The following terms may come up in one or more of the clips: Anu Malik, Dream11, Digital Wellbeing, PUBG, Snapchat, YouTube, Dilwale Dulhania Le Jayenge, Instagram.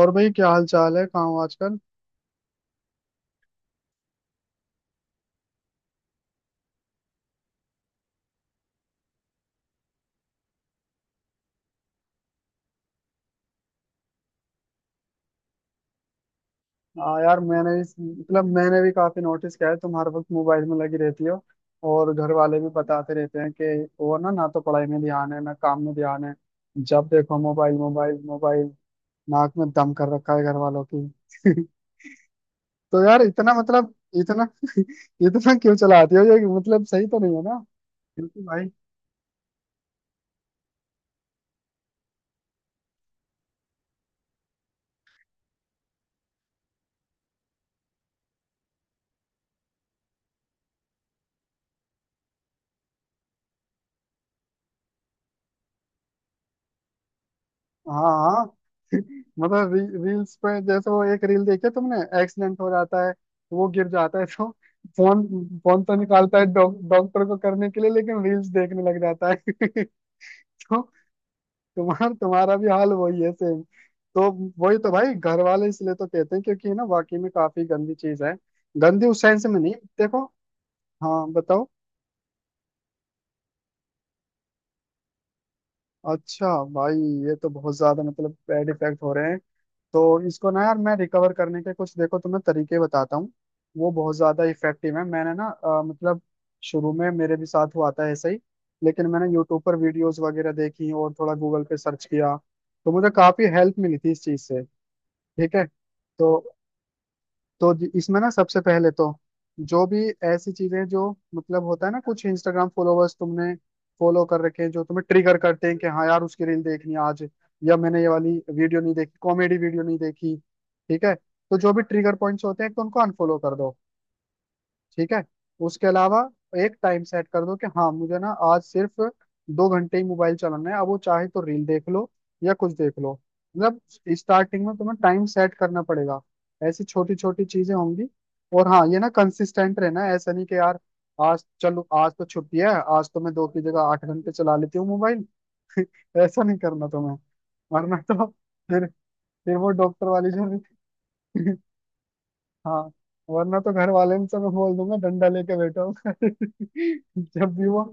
और भाई क्या हाल चाल है? कहाँ हो आजकल? हाँ यार, मैंने भी काफी नोटिस किया है, तुम हर वक्त मोबाइल में लगी रहती हो। और घर वाले भी बताते रहते हैं कि वो ना ना तो पढ़ाई में ध्यान है, ना काम में ध्यान है। जब देखो, मोबाइल मोबाइल मोबाइल। नाक में दम कर रखा है घर वालों की। तो यार इतना इतना क्यों चलाती हो ये? मतलब सही तो नहीं है ना। बिल्कुल भाई। हाँ हाँ। मतलब रील्स पे, जैसे वो एक रील देखी है तुमने, एक्सीडेंट हो जाता है, वो गिर जाता है, तो फोन फोन तो निकालता है डॉक्टर को करने के लिए, लेकिन रील्स देखने लग जाता है। तो तुम्हारा तुम्हारा भी हाल वही है, सेम। तो वही तो भाई, घर वाले इसलिए तो कहते हैं, क्योंकि ना वाकई में काफी गंदी चीज है। गंदी उस सेंस में नहीं। देखो। हाँ बताओ। अच्छा भाई, ये तो बहुत ज्यादा मतलब बैड इफेक्ट हो रहे हैं। तो इसको ना यार, मैं रिकवर करने के कुछ, देखो, तुम्हें तरीके बताता हूँ। वो बहुत ज्यादा इफेक्टिव है। मैंने ना मतलब शुरू में मेरे भी साथ हुआ था ऐसे ही, लेकिन मैंने यूट्यूब पर वीडियोस वगैरह देखी और थोड़ा गूगल पे सर्च किया, तो मुझे काफी हेल्प मिली थी इस चीज से। ठीक है तो इसमें ना सबसे पहले तो, जो भी ऐसी चीजें जो, मतलब होता है ना कुछ इंस्टाग्राम फॉलोवर्स तुमने फॉलो कर रखे हैं जो तुम्हें ट्रिगर करते हैं कि हाँ यार, उसकी रील देखनी है आज, या मैंने ये वाली वीडियो नहीं देखी, कॉमेडी वीडियो नहीं देखी। ठीक है, तो जो भी ट्रिगर पॉइंट्स होते हैं, तो उनको अनफॉलो कर दो। ठीक है। उसके अलावा एक टाइम सेट कर दो कि हाँ, मुझे ना आज सिर्फ 2 घंटे ही मोबाइल चलाना है, अब वो चाहे तो रील देख लो या कुछ देख लो। मतलब स्टार्टिंग में तुम्हें टाइम सेट करना पड़ेगा। ऐसी छोटी छोटी चीजें होंगी। और हाँ, ये ना कंसिस्टेंट रहना है, ऐसा नहीं कि यार आज, चलो आज तो छुट्टी है, आज तो मैं दो की जगह 8 घंटे चला लेती हूँ मोबाइल। ऐसा नहीं करना तुम्हें, वरना तो फिर फिर वो डॉक्टर वाली जर्नी। हाँ। वरना तो घर वाले से मैं बोल दूंगा डंडा लेके बैठा हूँ जब भी वो।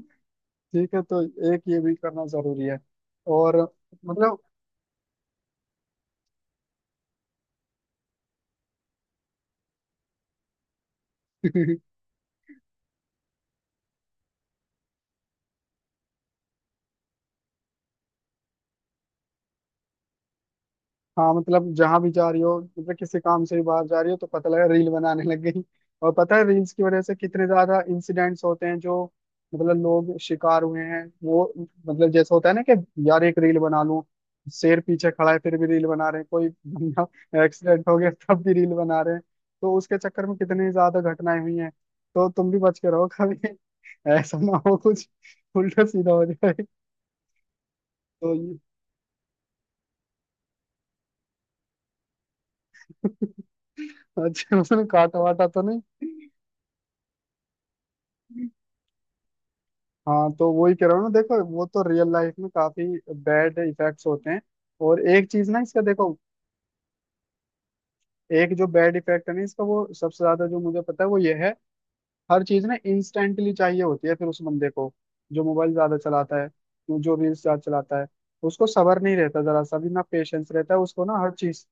ठीक है तो, एक ये भी करना जरूरी है। और मतलब। हाँ, मतलब जहां भी जा रही हो, मतलब किसी काम से भी बाहर जा रही हो तो पता लगा रील बनाने लग गई। और पता है रील्स की वजह से कितने ज्यादा इंसिडेंट्स होते हैं जो, मतलब लोग शिकार हुए हैं, वो मतलब जैसा होता है ना कि यार एक रील बना लूं, शेर पीछे खड़ा है फिर भी रील बना रहे हैं कोई बंदा, एक्सीडेंट हो गया तब भी रील बना रहे हैं। तो उसके चक्कर में कितनी ज्यादा घटनाएं हुई हैं। तो तुम भी बच के रहो कभी, ऐसा ना हो कुछ उल्टा सीधा हो जाए। तो ये, अच्छा, उसने काटा वाटा तो नहीं? हाँ तो वही कह रहा हूँ ना, देखो वो तो रियल लाइफ में काफी बैड इफेक्ट्स होते हैं। और एक चीज ना इसका, देखो, एक जो बैड इफेक्ट है ना इसका, वो सबसे ज्यादा जो मुझे पता है वो ये है, हर चीज ना इंस्टेंटली चाहिए होती है फिर उस बंदे को जो मोबाइल ज्यादा चलाता है, जो रील्स ज्यादा चलाता है, उसको सब्र नहीं रहता, जरा सा भी ना पेशेंस रहता है उसको ना, हर चीज।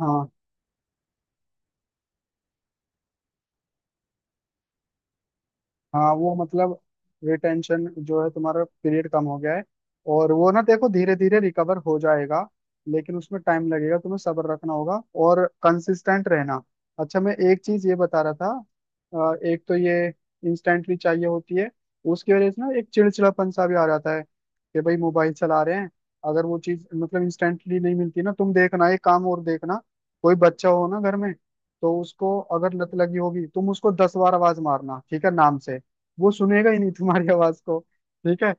हाँ हाँ। वो मतलब रिटेंशन जो है तुम्हारा, पीरियड कम हो गया है, और वो ना देखो धीरे धीरे रिकवर हो जाएगा, लेकिन उसमें टाइम लगेगा, तुम्हें सब्र रखना होगा और कंसिस्टेंट रहना। अच्छा मैं एक चीज ये बता रहा था, एक तो ये इंस्टेंटली चाहिए होती है, उसकी वजह से ना एक चिड़चिड़ापन सा भी आ जाता है कि भाई, मोबाइल चला रहे हैं, अगर वो चीज मतलब इंस्टेंटली नहीं मिलती ना, तुम देखना एक काम, और देखना कोई बच्चा हो ना घर में तो उसको अगर लत लगी होगी, तुम उसको 10 बार आवाज मारना, ठीक है, नाम से, वो सुनेगा ही नहीं तुम्हारी आवाज को। ठीक है,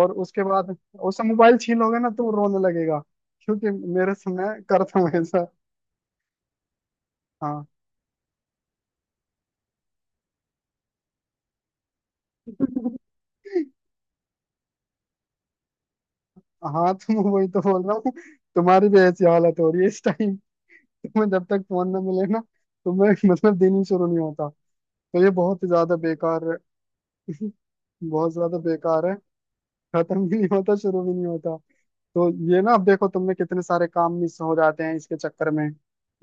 और उसके बाद उससे मोबाइल छीन लोगे ना तो वो रोने लगेगा, क्योंकि मेरे समय करता हूँ ऐसा। हाँ। हाँ तुम, वही तो बोल रहा हूँ, तुम्हारी भी ऐसी हालत हो रही है इस टाइम। तुम्हें जब तक फोन ना मिले ना तुम्हें मतलब दिन ही शुरू नहीं होता। तो ये बहुत ही ज्यादा बेकार। बहुत ज्यादा बेकार है। खत्म भी नहीं होता, शुरू भी नहीं होता। तो ये ना अब देखो तुमने, कितने सारे काम मिस हो जाते हैं इसके चक्कर में।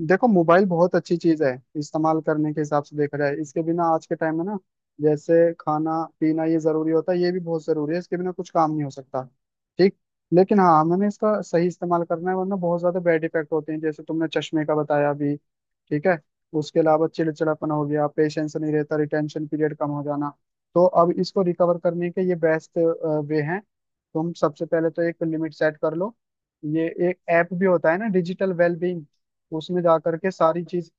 देखो, मोबाइल बहुत अच्छी चीज है इस्तेमाल करने के हिसाब से, देखा जाए इसके बिना आज के टाइम में ना, जैसे खाना पीना ये जरूरी होता है, ये भी बहुत जरूरी है, इसके बिना कुछ काम नहीं हो सकता। ठीक। लेकिन हाँ हमें इसका सही इस्तेमाल करना है, वरना बहुत ज्यादा बैड इफेक्ट होते हैं जैसे तुमने चश्मे का बताया अभी। ठीक है। उसके अलावा चिड़चिड़ापन हो गया, पेशेंस नहीं रहता, रिटेंशन पीरियड कम हो जाना। तो अब इसको रिकवर करने के ये बेस्ट वे हैं। तुम सबसे पहले तो एक लिमिट सेट कर लो। ये एक ऐप भी होता है ना, डिजिटल वेलबींग। उसमें जा करके सारी चीज।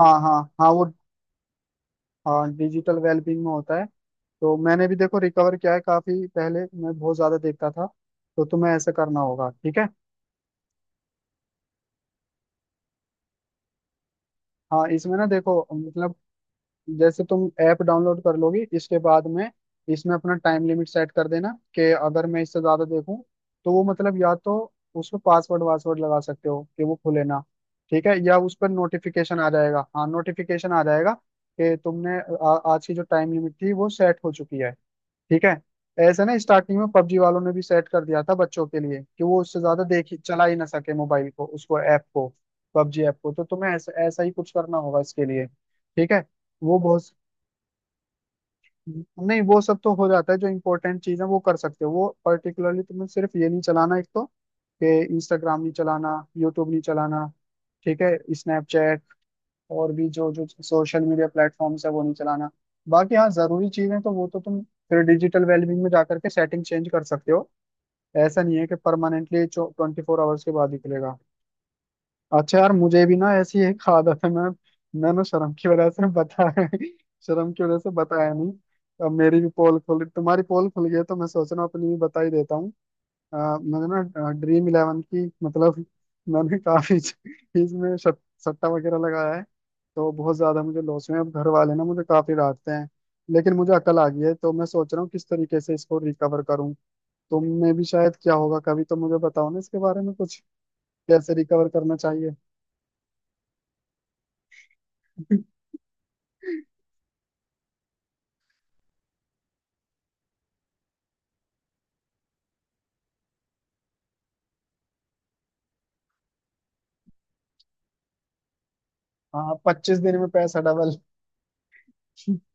हाँ हाँ हाँ वो, हाँ डिजिटल वेलबींग में होता है। तो मैंने भी देखो रिकवर किया है काफी, पहले मैं बहुत ज्यादा देखता था। तो तुम्हें ऐसा करना होगा, ठीक है। हाँ इसमें ना देखो, मतलब जैसे तुम ऐप डाउनलोड कर लोगी इसके बाद में, इसमें अपना टाइम लिमिट सेट कर देना, कि अगर मैं इससे ज्यादा देखूं तो वो मतलब, या तो उस पर पासवर्ड वासवर्ड लगा सकते हो कि वो खुले ना, ठीक है, या उस पर नोटिफिकेशन आ जाएगा, हाँ नोटिफिकेशन आ जाएगा कि तुमने आज की जो टाइम लिमिट थी वो सेट हो चुकी है। ठीक है। ऐसे ना स्टार्टिंग में पबजी वालों ने भी सेट कर दिया था बच्चों के लिए कि वो उससे ज्यादा देख ही चला ही ना सके मोबाइल को, उसको, ऐप को, पबजी ऐप को। तो तुम्हें ऐसा ऐसा ही कुछ करना होगा इसके लिए। ठीक है। वो बहुत, नहीं वो सब तो हो जाता है, जो इम्पोर्टेंट चीज है वो कर सकते हो, वो पर्टिकुलरली तुम्हें सिर्फ ये नहीं चलाना एक तो, कि इंस्टाग्राम नहीं चलाना, यूट्यूब नहीं चलाना, ठीक है, स्नैपचैट और भी जो जो सोशल मीडिया प्लेटफॉर्म्स है वो नहीं चलाना, बाकी हाँ जरूरी चीजें तो वो तो तुम फिर डिजिटल वेलबींग में जाकर के सेटिंग चेंज कर सकते हो। ऐसा नहीं है कि परमानेंटली 24 आवर्स के बाद ही खुलेगा। अच्छा यार, मुझे भी ना ऐसी एक आदत है, मैं ना शर्म की वजह से बताया शर्म की वजह से बताया नहीं, अब मेरी भी पोल खुल, तुम्हारी पोल खुल गई है, तो मैं सोच रहा हूँ अपनी भी बता ही देता हूँ। मैंने ना ड्रीम इलेवन की, मतलब मैंने काफी इसमें सट्टा वगैरह लगाया है। तो बहुत ज्यादा मुझे लॉस हुए हैं। अब घर वाले ना मुझे काफी डांटते हैं, लेकिन मुझे अकल आ गई है, तो मैं सोच रहा हूँ किस तरीके से इसको रिकवर करूँ। तुमने भी शायद क्या होगा कभी, तो मुझे बताओ ना इसके बारे में कुछ, कैसे रिकवर करना चाहिए। हाँ 25 दिन में पैसा डबल।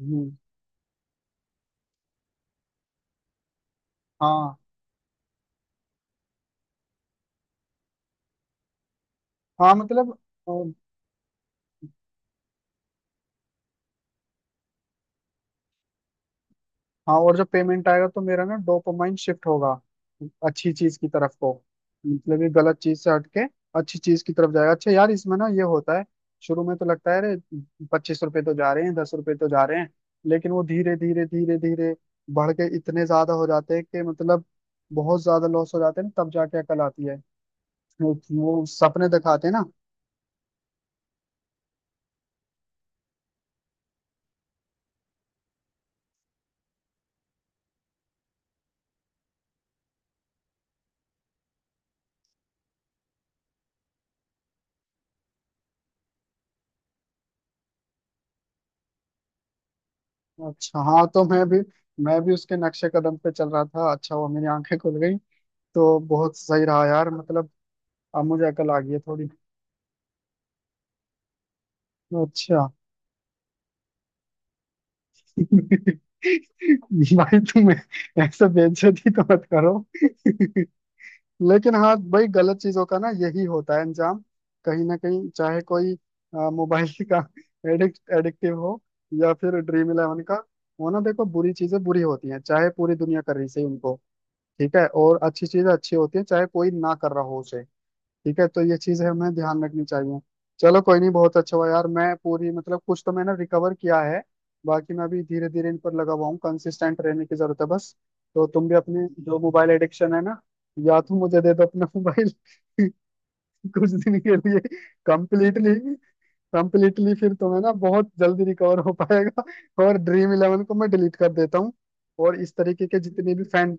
हम्म। हाँ हाँ मतलब। हाँ, और जब पेमेंट आएगा तो मेरा ना डोपामाइन शिफ्ट होगा, अच्छी चीज की तरफ को, मतलब ये गलत चीज से हटके अच्छी चीज की तरफ जाएगा। अच्छा यार इसमें ना ये होता है, शुरू में तो लगता है अरे, 25 रुपए तो जा रहे हैं, 10 रुपए तो जा रहे हैं, लेकिन वो धीरे धीरे धीरे धीरे बढ़ के इतने ज्यादा हो जाते हैं कि मतलब बहुत ज्यादा लॉस हो जाते हैं, ना तब जाके अकल आती है। वो सपने दिखाते हैं ना। अच्छा हाँ, तो मैं भी उसके नक्शे कदम पे चल रहा था, अच्छा वो मेरी आंखें खुल गई। तो बहुत सही रहा यार मतलब, अब मुझे अकल आ गई है थोड़ी। अच्छा। भाई तुम ऐसे बेइज्जती तो मत करो। लेकिन हाँ भाई गलत चीजों का ना यही होता है अंजाम, कहीं ना कहीं, चाहे कोई मोबाइल का एडिक्टिव हो या फिर ड्रीम इलेवन का, वो ना देखो बुरी चीजें बुरी होती हैं चाहे पूरी दुनिया कर रही सही उनको। ठीक है, और अच्छी चीजें अच्छी होती हैं चाहे कोई ना कर रहा हो उसे। ठीक है तो ये चीज हमें ध्यान रखनी चाहिए। चलो कोई नहीं, बहुत अच्छा हुआ यार, मैं पूरी मतलब कुछ तो मैंने रिकवर किया है, बाकी मैं अभी धीरे धीरे इन पर लगा हुआ हूँ, कंसिस्टेंट रहने की जरूरत है बस। तो तुम भी अपने जो मोबाइल एडिक्शन है ना, या तो मुझे दे दो अपना मोबाइल कुछ दिन के लिए, कंप्लीटली कंप्लीटली फिर तुम्हें ना बहुत जल्दी रिकवर हो पाएगा। और ड्रीम इलेवन को मैं डिलीट कर देता हूँ और इस तरीके के जितने भी फैन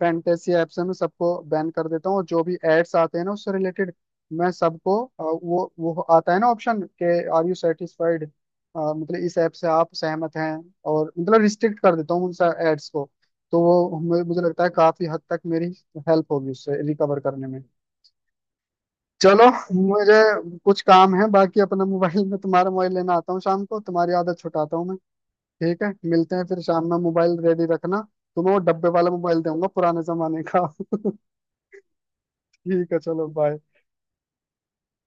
फैंटेसी ऐप से मैं सबको बैन कर देता हूँ, और जो भी एड्स आते हैं ना उससे रिलेटेड, मैं सबको वो आता है ना ऑप्शन, के आर यू सेटिस्फाइड, मतलब इस ऐप से आप सहमत हैं, और मतलब रिस्ट्रिक्ट कर देता हूँ उन एड्स को, तो वो मुझे मुझे लगता है काफी हद तक मेरी हेल्प होगी उससे रिकवर करने में। चलो मुझे कुछ काम है बाकी अपना मोबाइल में तुम्हारा मोबाइल लेना आता हूँ शाम को, तुम्हारी आदत छुटाता हूँ मैं। ठीक है, मिलते हैं फिर शाम में, मोबाइल रेडी रखना। तुम्हें वो डब्बे वाला मोबाइल दूंगा पुराने जमाने का। ठीक है, चलो बाय।